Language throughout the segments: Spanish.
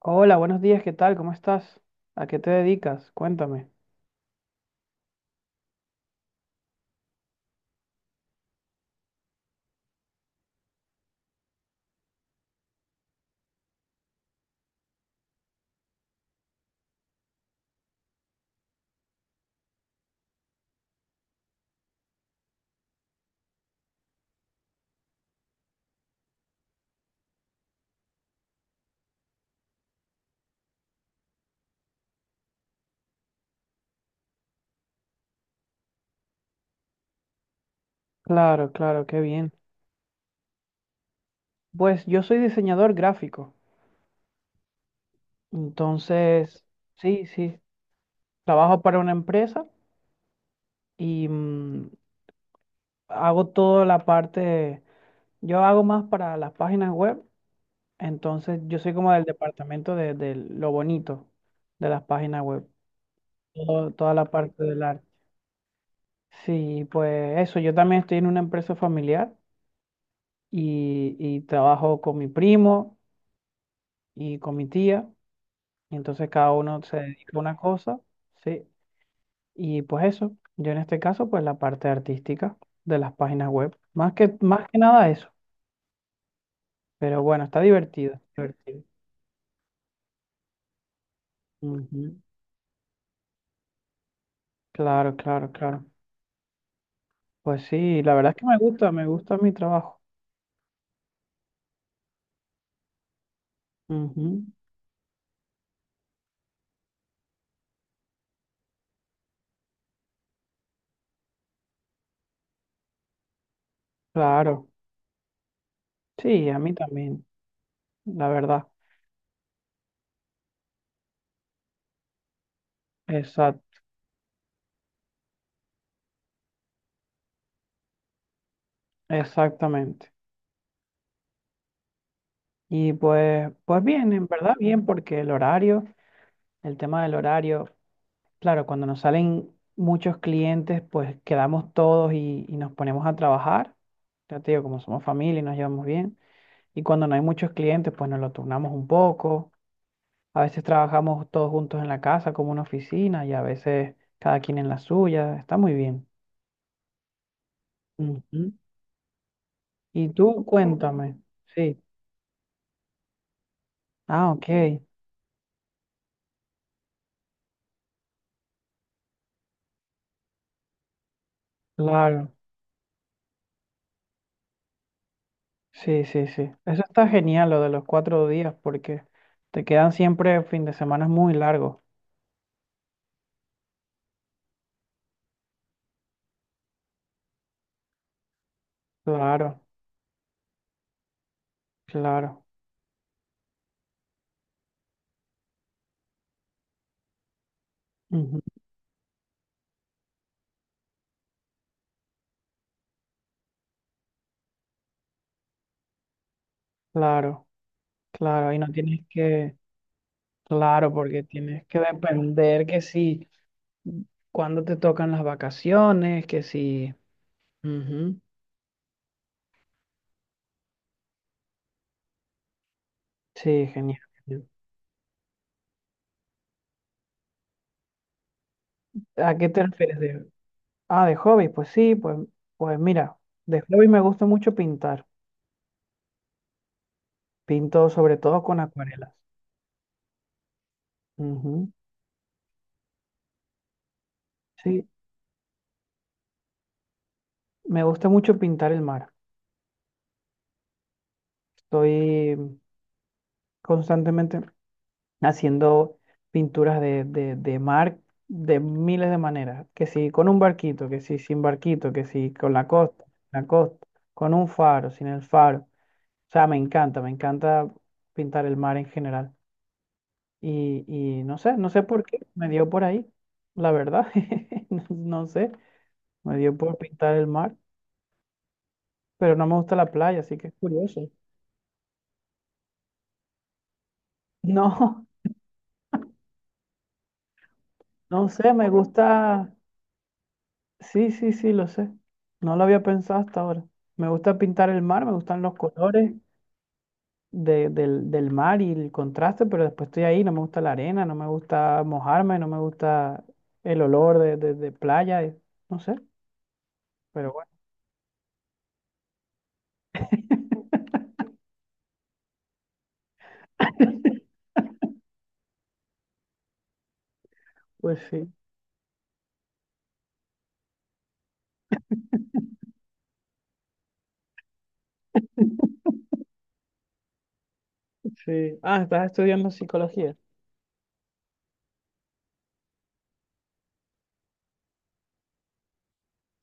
Hola, buenos días, ¿qué tal? ¿Cómo estás? ¿A qué te dedicas? Cuéntame. Claro, claro, qué bien. Pues yo soy diseñador gráfico, entonces, sí, sí, trabajo para una empresa y hago toda la parte, yo hago más para las páginas web, entonces yo soy como del departamento de lo bonito de las páginas web, toda la parte del arte. Sí, pues eso, yo también estoy en una empresa familiar y trabajo con mi primo y con mi tía, y entonces cada uno se dedica a una cosa, ¿sí? Y pues eso, yo en este caso, pues la parte artística de las páginas web, más que nada eso, pero bueno, está divertido, divertido. Ujú. Claro, claro, claro. Pues sí, la verdad es que me gusta mi trabajo. Ujú. Claro, sí, a mí también, la verdad. Exact- Exactamente. Y pues, pues bien, en verdad bien, porque el horario, el tema del horario. Claro, cuando nos salen muchos clientes, pues quedamos todos y nos ponemos a trabajar. Ya te digo, como somos familia y nos llevamos bien. Y cuando no hay muchos clientes, pues nos lo turnamos un poco. A veces trabajamos todos juntos en la casa como una oficina y a veces cada quien en la suya. Está muy bien. Ujú. Y tú cuéntame. Sí. Ah, ok. Claro. Sí, sí, sí. Eso está genial, lo de los 4 días, porque te quedan siempre fin de semana muy largos. Claro, claro. Ujú. Claro, claro, ahí no tienes claro, porque tienes que depender que si, cuando te tocan las vacaciones, que si, ujú. Sí, genial. ¿A qué te refieres de, ah, de hobby? Pues sí, pues, pues mira, de hobby me gusta mucho pintar, pinto sobre todo con acuarelas. Ujú. Sí, me gusta mucho pintar el mar, estoy constantemente haciendo pinturas de mar de miles de maneras, que si con un barquito, que si sin barquito, que si con la costa, con un faro, sin el faro. O sea, me encanta pintar el mar en general. Y no sé, no sé por qué, me dio por ahí, la verdad, no sé, me dio por pintar el mar, pero no me gusta la playa, así que es curioso. No, no sé, me gusta... Sí, sí, sí, lo sé. No lo había pensado hasta ahora. Me gusta pintar el mar, me gustan los colores del mar y el contraste, pero después estoy ahí, no me gusta la arena, no me gusta mojarme, no me gusta el olor de playa, no sé, pero bueno, pues sí, sí. Ah, estás estudiando psicología.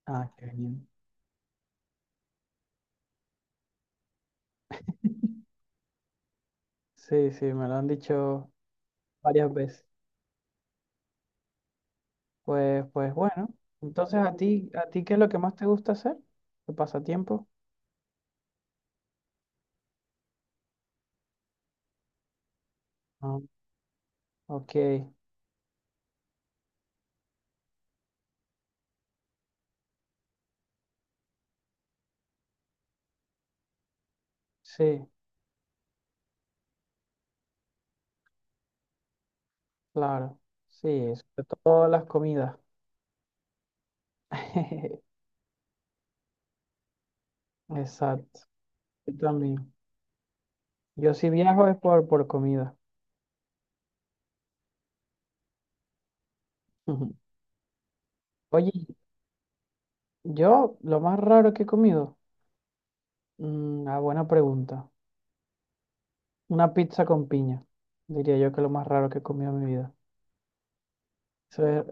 Ah, qué bien. Sí, sí, me lo han dicho varias veces. Pues, pues bueno, entonces ¿a ti qué es lo que más te gusta hacer? ¿Tu pasatiempo? Ah, ok, sí. Claro, sí, sobre todo las comidas. Exacto, yo también. Yo si viajo es por comida. Ujú. Oye, yo lo más raro que he comido, ah, buena pregunta. Una pizza con piña, diría yo que lo más raro que he comido en mi vida. Eso es-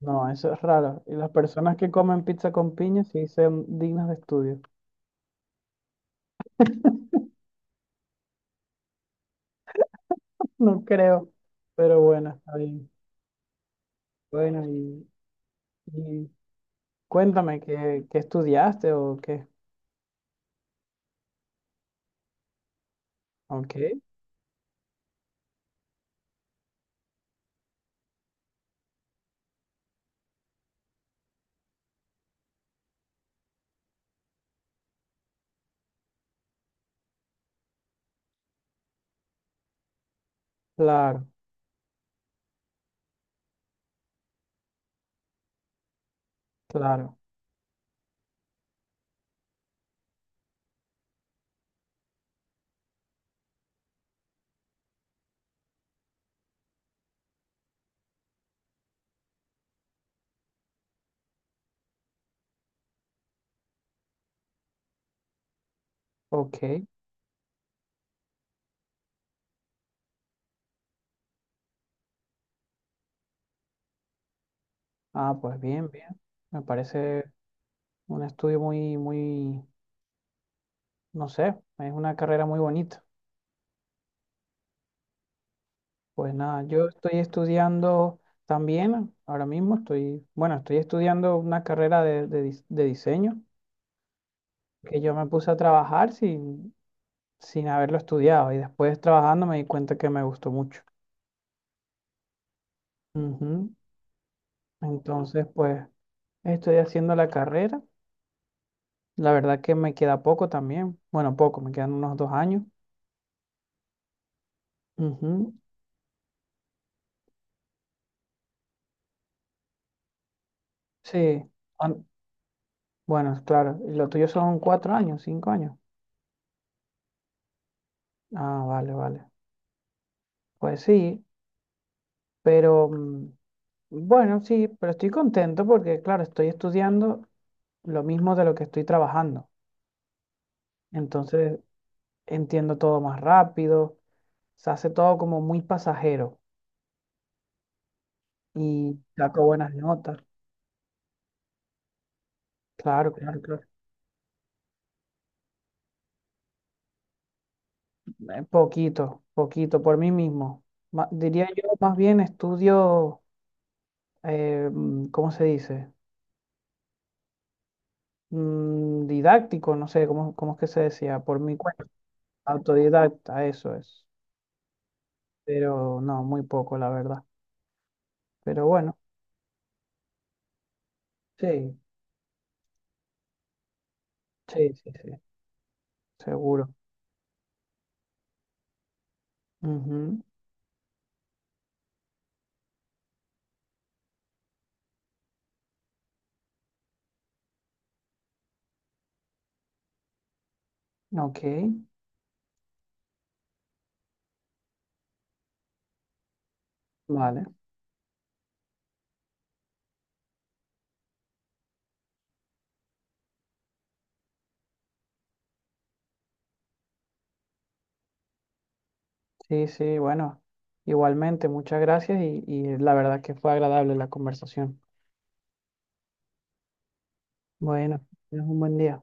no, eso es raro. Y las personas que comen pizza con piña sí son dignas de estudio. No creo, pero bueno, está bien. Bueno, y cuéntame, ¿qué, qué estudiaste o qué? Ok. Claro, claro. Ok. Ah, pues bien, bien. Me parece un estudio muy, muy, no sé, es una carrera muy bonita. Pues nada, yo estoy estudiando también, ahora mismo estoy, bueno, estoy estudiando una carrera de, de diseño que yo me puse a trabajar sin, sin haberlo estudiado y después trabajando me di cuenta que me gustó mucho. Ujú. Entonces, pues estoy haciendo la carrera. La verdad que me queda poco también. Bueno, poco, me quedan unos 2 años. Ujú. Sí. Ah, bueno, claro. Y lo tuyo son 4 años, 5 años. Ah, vale, vale. Pues sí, pero bueno, sí, pero estoy contento porque, claro, estoy estudiando lo mismo de lo que estoy trabajando. Entonces entiendo todo más rápido, se hace todo como muy pasajero y saco buenas notas. Claro, claro, claro. Poquito, poquito, por mí mismo. Diría yo, más bien estudio, ¿cómo se dice? Didáctico, no sé cómo, cómo es que se decía, por mi cuenta, autodidacta, eso es. Pero no, muy poco, la verdad. Pero bueno, sí, sí, sí, sí, seguro. Ujú. Ok, vale. Sí, sí, bueno, igualmente, muchas gracias y la verdad que fue agradable la conversación. Bueno, es un buen día.